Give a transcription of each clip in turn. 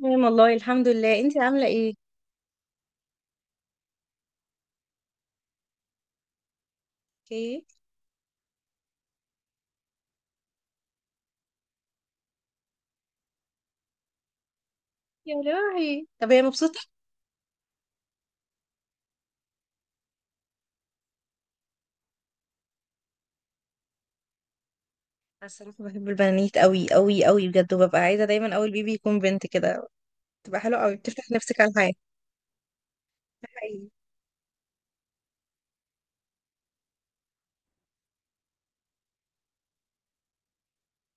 تمام والله الحمد لله. انت عامله ايه؟ اوكي. يا روحي، طب هي مبسوطه؟ أنا الصراحه بحب البنانيت قوي قوي قوي بجد، وببقى عايزه دايما اول بيبي يكون بنت كده. بتبقى حلوه قوي، بتفتح نفسك على الحياه. ده حقيقي.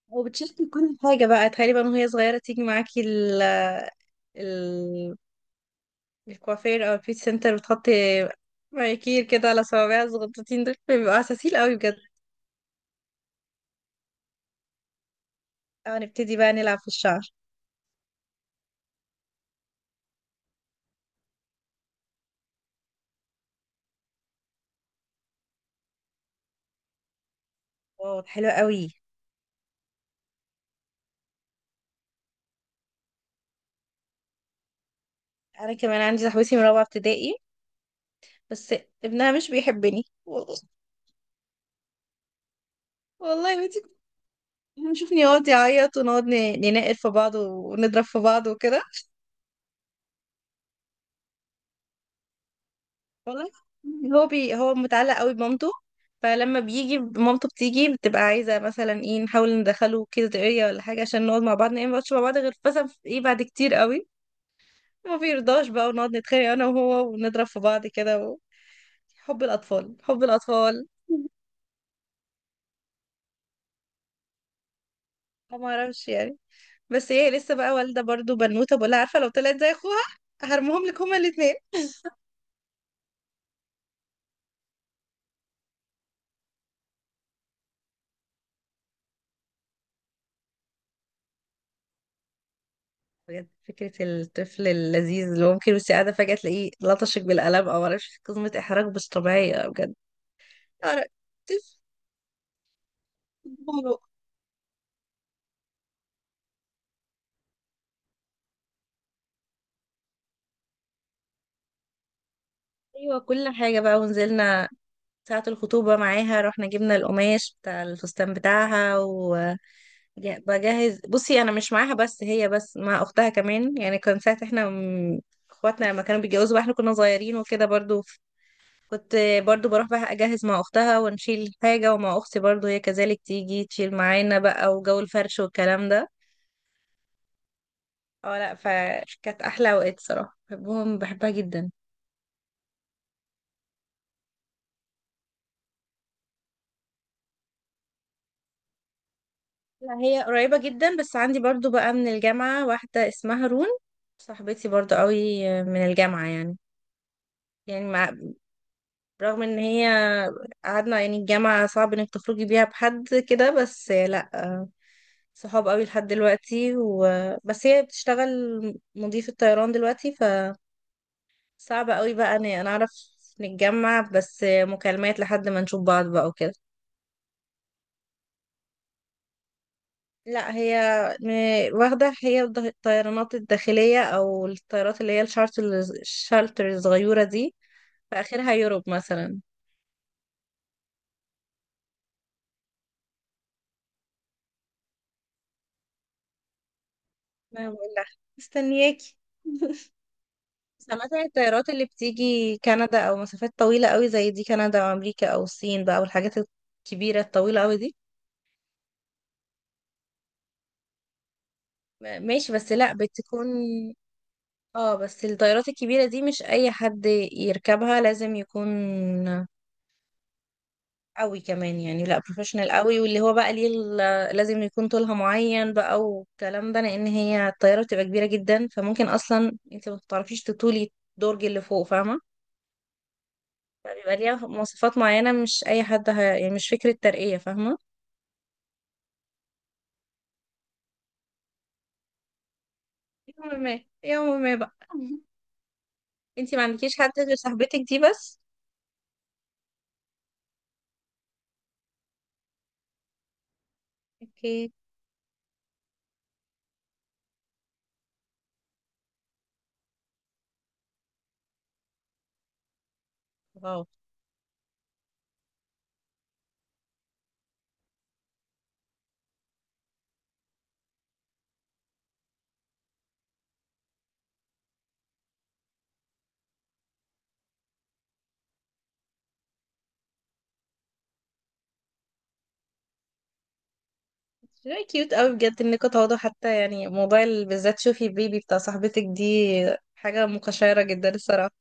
وبتشاركي كل حاجه بقى، تخيلي بقى من وهي صغيره تيجي معاكي ال الكوافير او البيت سنتر، بتحطي مانيكير كده على صوابعها الصغنطوطين. دول بيبقوا عساسين قوي بجد. اه، نبتدي بقى نلعب في الشعر. واو، حلو قوي. انا كمان عندي صاحبتي من رابعه ابتدائي، بس ابنها مش بيحبني والله. والله يا بنتي، كنت بنشوفني يقعد يعيط، ونقعد ننقر في بعض ونضرب في بعض وكده. والله هو هو متعلق قوي بمامته. فلما بيجي مامته بتيجي، بتبقى عايزة مثلا ايه، نحاول ندخله كده دقيقة ولا حاجة عشان نقعد مع بعض. نقعد، ما نقعدش مع بعض غير مثلا ايه بعد كتير قوي. ما بيرضاش بقى، ونقعد نتخانق انا وهو ونضرب في بعض كده حب الأطفال حب الأطفال. ما اعرفش يعني. بس هي لسه بقى والدة برضو بنوتة، بقولها عارفة لو طلعت زي اخوها هرمهم لك هما الاتنين. بجد فكرة الطفل اللذيذ اللي ممكن وانت قاعدة فجأة تلاقيه لطشك بالقلم او معرفش، قسمة احراج مش طبيعية بجد. عرق، طفل. بابا. ايوه، كل حاجة بقى. ونزلنا ساعة الخطوبة معاها، رحنا جبنا القماش بتاع الفستان بتاعها. وبجهز، بصي أنا مش معاها بس، هي بس مع أختها كمان. يعني كان ساعة احنا اخواتنا لما كانوا بيتجوزوا بقى، احنا كنا صغيرين وكده. برضو كنت برضو بروح بقى اجهز مع اختها ونشيل حاجة، ومع اختي برضو هي كذلك تيجي تشيل معانا بقى، وجو الفرش والكلام ده. اه لا، فكانت احلى اوقات صراحة، بحبهم، بحبها جدا. لا هي قريبة جدا، بس عندي برضو بقى من الجامعة واحدة اسمها رون. صاحبتي برضو قوي من الجامعة يعني. يعني رغم ان هي قعدنا، يعني الجامعة صعب انك تخرجي بيها بحد كده، بس لا، صحاب قوي لحد دلوقتي بس هي بتشتغل مضيفة طيران دلوقتي، فصعب قوي بقى ان انا اعرف نتجمع، بس مكالمات لحد ما نشوف بعض بقى وكده. لا هي واخدة هي الطيرانات الداخلية، او الطيارات اللي هي الشارتر الصغيرة دي، فاخرها يوروب مثلا. ما بقول لها مستنياكي. سمعت عن الطيارات اللي بتيجي كندا او مسافات طويلة قوي زي دي، كندا او امريكا او الصين بقى والحاجات الكبيرة الطويلة قوي دي. ماشي، بس لا بتكون. اه بس الطيارات الكبيرة دي مش اي حد يركبها، لازم يكون قوي كمان. يعني لا بروفيشنال قوي، واللي هو بقى ليه لازم يكون طولها معين بقى والكلام ده، لان هي الطيارة بتبقى كبيرة جدا، فممكن اصلا انت ما بتعرفيش تطولي الدرج اللي فوق، فاهمة؟ فبيبقى ليها مواصفات معينة، مش اي حد يعني مش فكرة ترقية، فاهمة؟ يوم ما، يوم ما بقى. انتي ما عندكيش حد غير صاحبتك دي بس؟ اوكي. واو، very cute قوي بجد انكوا تقعدوا. حتى يعني موضوع بالذات شوفي البيبي بتاع صاحبتك دي، حاجة مقشرة جدا الصراحة.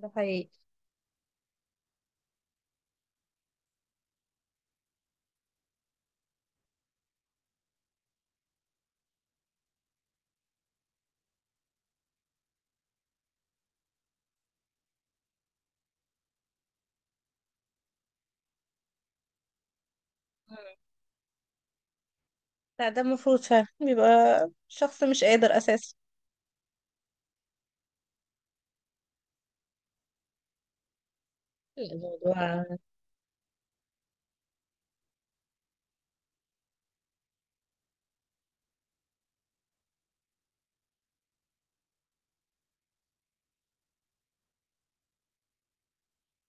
ده حقيقي. مم. لا ده المفروض فعلا بيبقى شخص مش قادر اساسا. لا، الموضوع.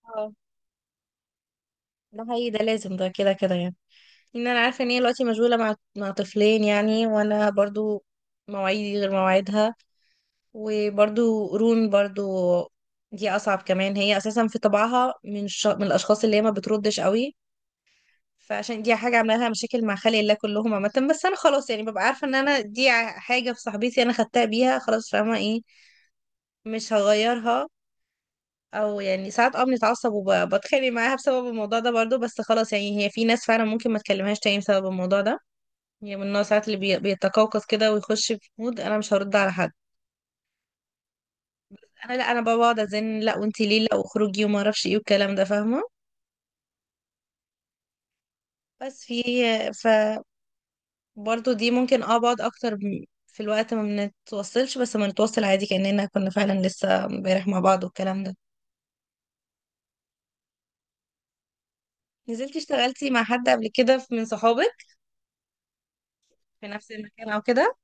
اه، ده حقيقي، ده لازم، ده كده كده يعني. ان انا عارفة ان هي دلوقتي مشغولة مع طفلين يعني، وانا برضو مواعيدي غير مواعيدها. وبرضو رون برضو دي اصعب كمان. هي اساسا في طبعها من من الاشخاص اللي هي ما بتردش قوي. فعشان دي حاجه عامله لها مشاكل مع خلق الله كلهم عامه، بس انا خلاص يعني ببقى عارفه ان انا دي حاجه في صاحبتي انا خدتها بيها خلاص، فاهمه ايه؟ مش هغيرها. او يعني ساعات اه بنتعصب وبتخانق معاها بسبب الموضوع ده برضو، بس خلاص. يعني هي في ناس فعلا ممكن ما تكلمهاش تاني بسبب الموضوع ده. هي من النوع ساعات اللي بيتقوقص كده ويخش في مود انا مش هرد على حد. انا لا، انا بقعد ازن لا وانتي ليه، لا واخرجي وما اعرفش ايه والكلام ده، فاهمه؟ بس في. ف برضه دي ممكن اه بقعد اكتر في الوقت ما بنتوصلش، بس ما نتوصل عادي كاننا كنا فعلا لسه امبارح مع بعض والكلام ده. نزلتي اشتغلتي مع حد قبل كده من صحابك في نفس المكان او كده؟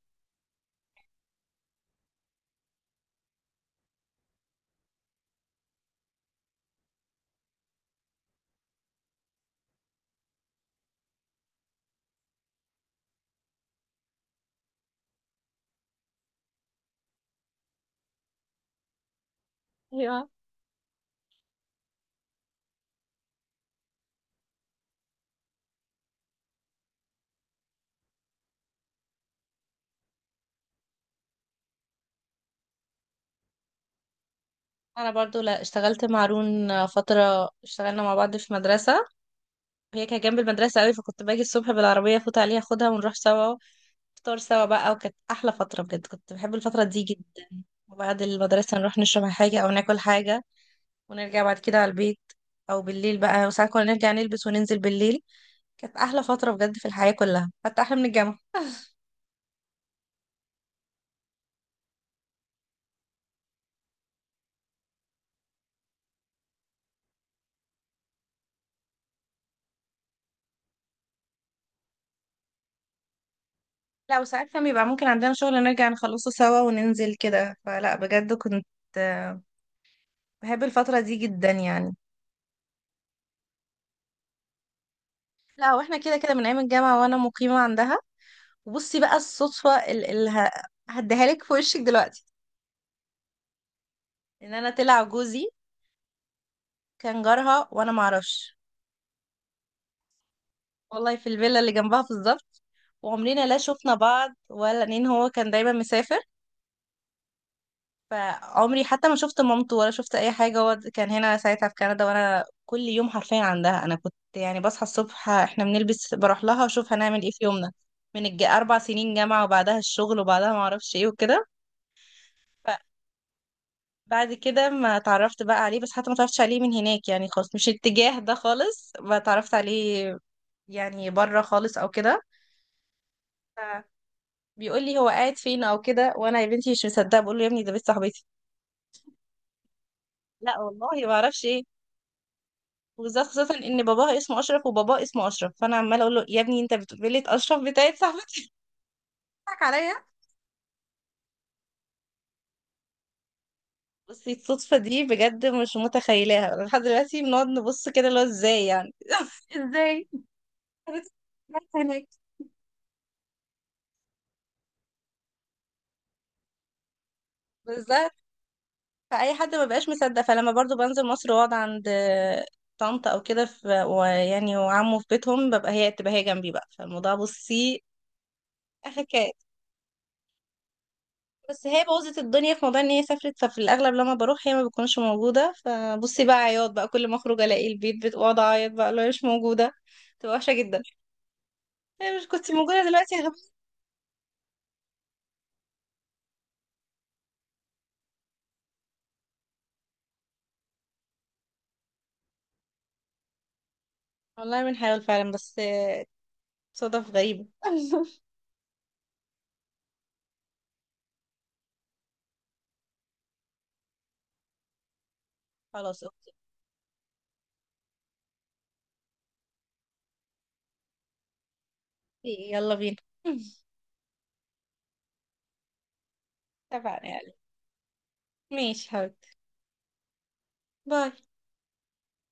انا برضو لا، اشتغلت مع رون فتره، اشتغلنا مع بعض في مدرسه. هي كانت جنب المدرسه قوي، فكنت باجي الصبح بالعربيه افوت عليها اخدها ونروح سوا. فطار سوا بقى. وكانت احلى فتره بجد، كنت بحب الفتره دي جدا. وبعد المدرسه نروح نشرب حاجه او ناكل حاجه، ونرجع بعد كده على البيت. او بالليل بقى، وساعات كنا نرجع نلبس وننزل بالليل. كانت احلى فتره بجد في الحياه كلها، حتى احلى من الجامعه. لا وساعات كان بيبقى ممكن عندنا شغل، نرجع نخلصه سوا وننزل كده. فلا بجد كنت، آه، بحب الفتره دي جدا يعني. لا واحنا كده كده من ايام الجامعه وانا مقيمه عندها. وبصي بقى الصدفه اللي هديها لك في وشك دلوقتي. ان انا طلع جوزي كان جارها وانا معرفش. والله في الفيلا اللي جنبها بالظبط. وعمرنا لا شفنا بعض ولا، لان هو كان دايما مسافر. فعمري حتى ما شفت مامته ولا شفت اي حاجه، هو كان هنا ساعتها في كندا، وانا كل يوم حرفيا عندها. انا كنت يعني بصحى الصبح، احنا بنلبس، بروح لها اشوف هنعمل ايه في يومنا. من اربع سنين جامعه وبعدها الشغل، وبعدها ما اعرفش ايه وكده. فبعد كده ما اتعرفت بقى عليه، بس حتى ما اتعرفتش عليه من هناك يعني خالص، مش الاتجاه ده خالص ما اتعرفت عليه، يعني بره خالص او كده. بيقول لي هو قاعد فين او كده، وانا يا بنتي مش مصدقه، بقول له يا ابني ده بنت صاحبتي. لا والله ما اعرفش ايه. وبالذات خاصه ان باباها اسمه اشرف، وباباه اسمه اشرف، فانا عماله اقول له يا ابني انت بتقول لي اشرف بتاعت صاحبتي؟ بتضحك عليا. بصي الصدفه دي بجد مش متخيلاها لحد دلوقتي، بنقعد نبص كده اللي هو ازاي يعني. ازاي؟ هناك بالظبط. فاي حد ما بقاش مصدق. فلما برضو بنزل مصر واقعد عند طنط او كده في، ويعني وعمه في بيتهم، ببقى هي تبقى هي جنبي بقى. فالموضوع بصي حكايه. بس هي بوظت الدنيا في موضوع ان هي سافرت، ففي الاغلب لما بروح هي ما بتكونش موجوده. فبصي بقى عياط بقى كل ما اخرج الاقي البيت، بتقعد اعيط بقى لو مش موجوده، تبقى وحشه جدا. هي مش كنت موجوده دلوقتي يا غبي. والله بنحاول فعلا، بس صدف غريبه. خلاص اوكي. يلا بينا. اتفقنا يعني. ماشي حبيبتي. باي.